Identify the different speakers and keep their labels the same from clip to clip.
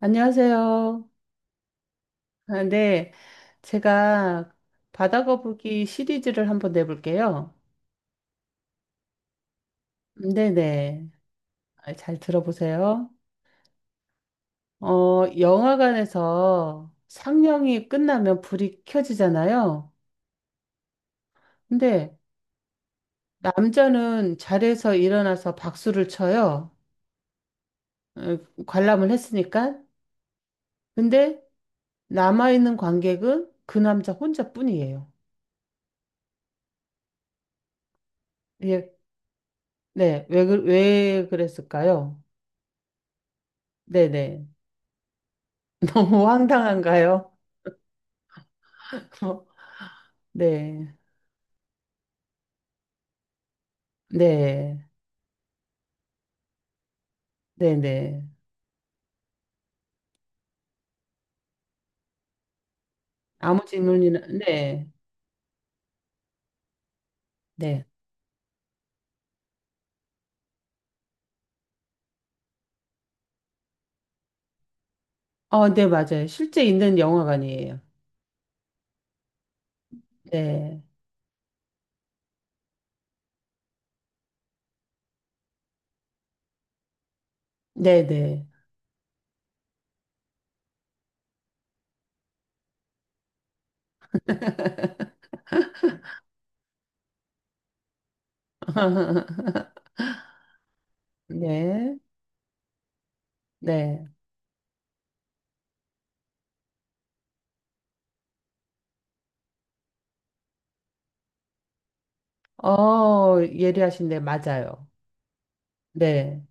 Speaker 1: 안녕하세요. 아, 네, 제가 바다 거북이 시리즈를 한번 내볼게요. 네네, 아, 잘 들어보세요. 어, 영화관에서 상영이 끝나면 불이 켜지잖아요. 근데 남자는 자리에서 일어나서 박수를 쳐요. 어, 관람을 했으니까. 근데 남아있는 관객은 그 남자 혼자뿐이에요. 예, 네, 왜, 왜 그랬을까요? 네네. 너무 황당한가요? 네, 네, 네, 네. 아무 질문이나, 네, 네. 어, 네, 맞아요. 실제 있는 영화관이에요. 네, 네, 네. 네, 네. 어, 예리하신데, 맞아요. 네,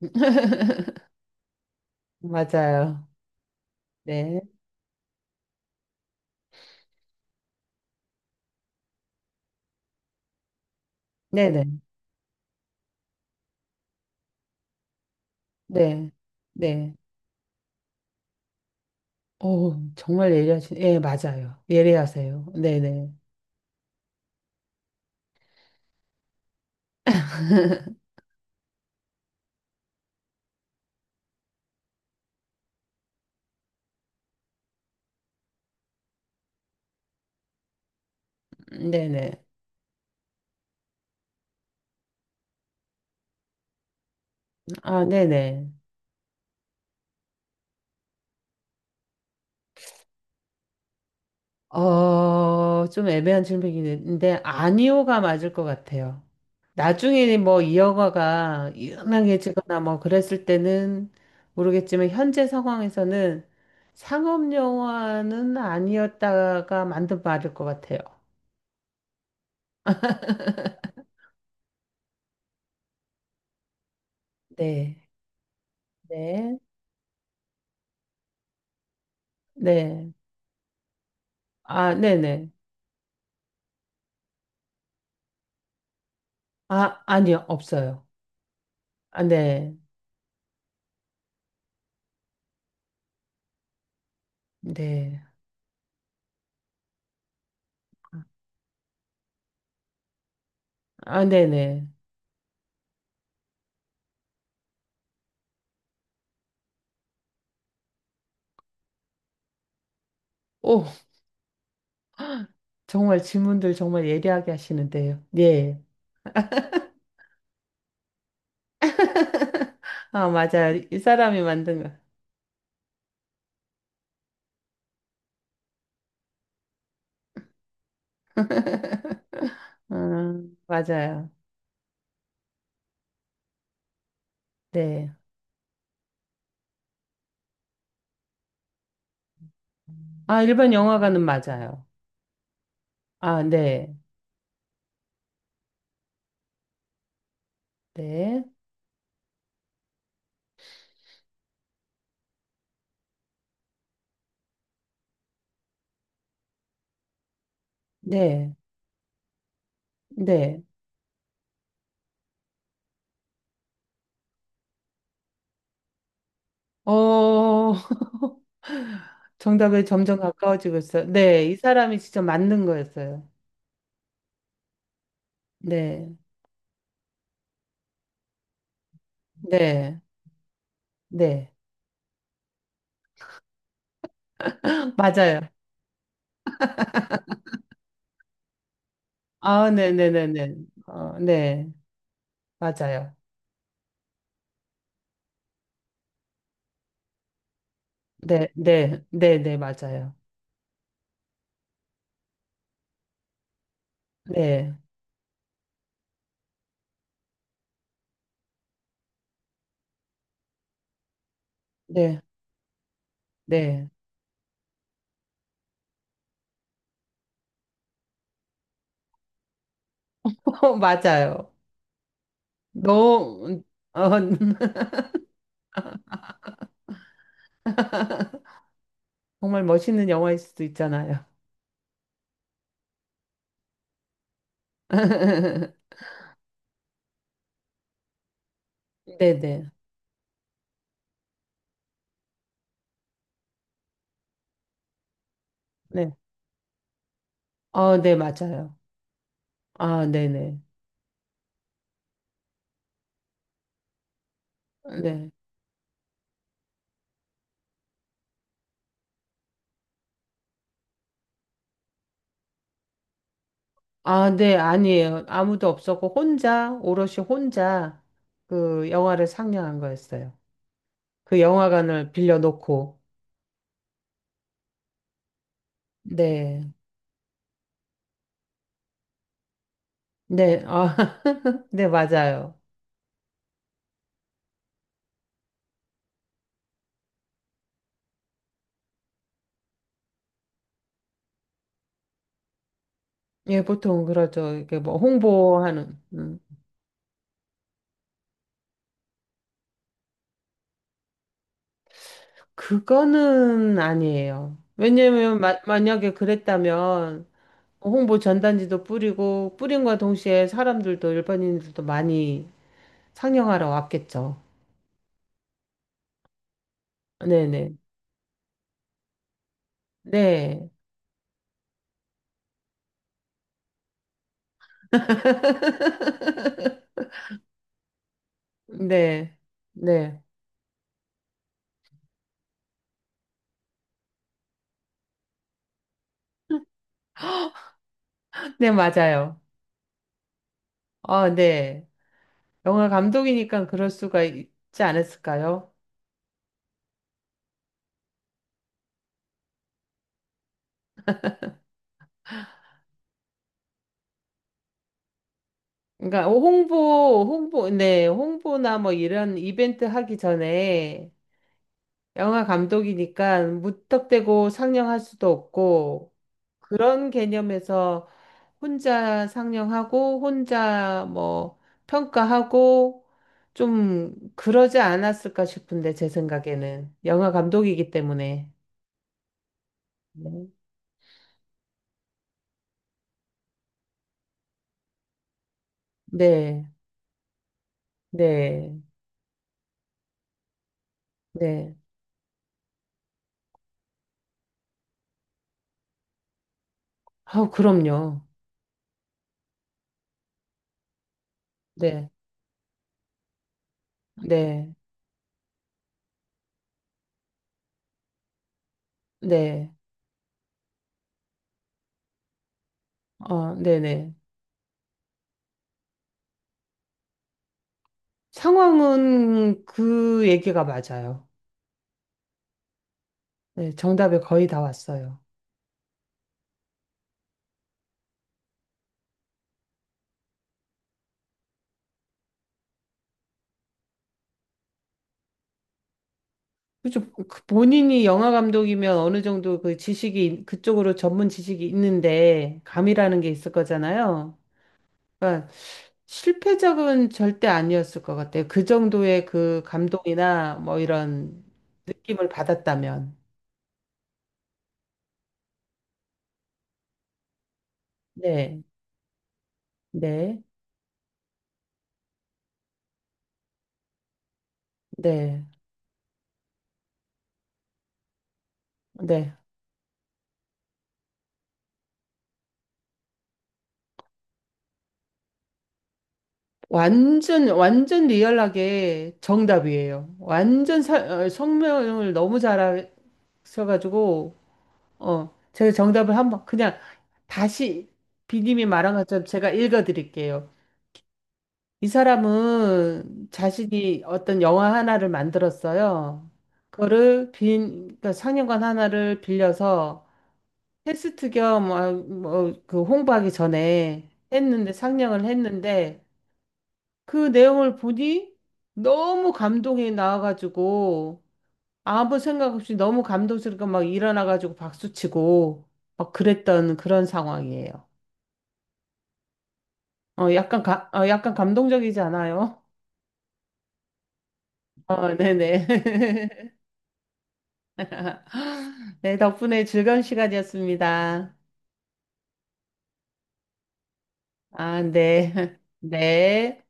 Speaker 1: 맞아요. 네, 네, 네, 네, 네. 오, 정말 예리하신, 예, 맞아요. 예리하세요. 네, 네. 네네. 아, 네네. 어, 좀 애매한 질문이긴 한데, 아니오가 맞을 것 같아요. 나중에 뭐 이 영화가 유명해지거나 뭐 그랬을 때는 모르겠지만, 현재 상황에서는 상업 영화는 아니었다가 만든 말일 것 같아요. 네, 네, 네. 아, 네네. 아, 아니요, 없어요. 아, 네, 네. 아, 네네. 오, 정말 질문들 정말 예리하게 하시는데요. 예. 아, 맞아요. 이 사람이 만든 거. 맞아요. 네. 아, 일반 영화관은 맞아요. 아, 네. 네. 네. 네. 어, 정답에 점점 가까워지고 있어요. 네. 이 사람이 진짜 맞는 거였어요. 네. 네. 네. 맞아요. 아, 네네네네. 어, 네. 맞아요. 네. 네. 네. 네. 맞아요. 네. 네. 네. 맞아요. 너, 어, 정말 멋있는 영화일 수도 있잖아요. 네네. 네. 어, 네, 맞아요. 아, 네네. 네. 네. 아, 네, 아니에요. 아무도 없었고, 혼자, 오롯이 혼자 그 영화를 상영한 거였어요. 그 영화관을 빌려놓고. 네. 네, 아, 네, 맞아요. 예, 보통 그렇죠. 이게 뭐 홍보하는. 음. 그거는 아니에요. 왜냐면, 만약에 그랬다면, 홍보 전단지도 뿌리고 뿌린과 동시에 사람들도 일반인들도 많이 상영하러 왔겠죠. 네네. 네. 네. 네. 네, 맞아요. 아, 네. 영화 감독이니까 그럴 수가 있지 않았을까요? 그러니까 네, 홍보나 뭐 이런 이벤트 하기 전에 영화 감독이니까 무턱대고 상영할 수도 없고 그런 개념에서 혼자 상영하고 혼자 뭐 평가하고 좀 그러지 않았을까 싶은데 제 생각에는 영화 감독이기 때문에. 네. 네. 네. 네. 아, 그럼요. 네. 네. 네. 어, 네, 네. 상황은 그 얘기가 맞아요. 네, 정답에 거의 다 왔어요. 그죠. 그 본인이 영화 감독이면 어느 정도 그 지식이, 그쪽으로 전문 지식이 있는데, 감이라는 게 있을 거잖아요. 그러니까 실패작은 절대 아니었을 것 같아요. 그 정도의 그 감동이나 뭐 이런 느낌을 받았다면. 네, 네, 네, 네. 완전 리얼하게 정답이에요. 완전 사- 어, 성명을 너무 잘하셔가지고, 어, 제가 정답을 한번 그냥 다시 비님이 말한 것처럼 제가 읽어드릴게요. 이 사람은 자신이 어떤 영화 하나를 만들었어요. 그거를 빈, 그러니까 상영관 하나를 빌려서 테스트 겸, 아, 뭐, 그 홍보하기 전에 했는데, 상영을 했는데, 그 내용을 보니 너무 감동이 나와가지고, 아무 생각 없이 너무 감동스럽게 막 일어나가지고 박수치고 막 그랬던 그런 상황이에요. 어, 어, 약간 감동적이지 않아요? 어, 네네. 네, 덕분에 즐거운 시간이었습니다. 아, 네. 네.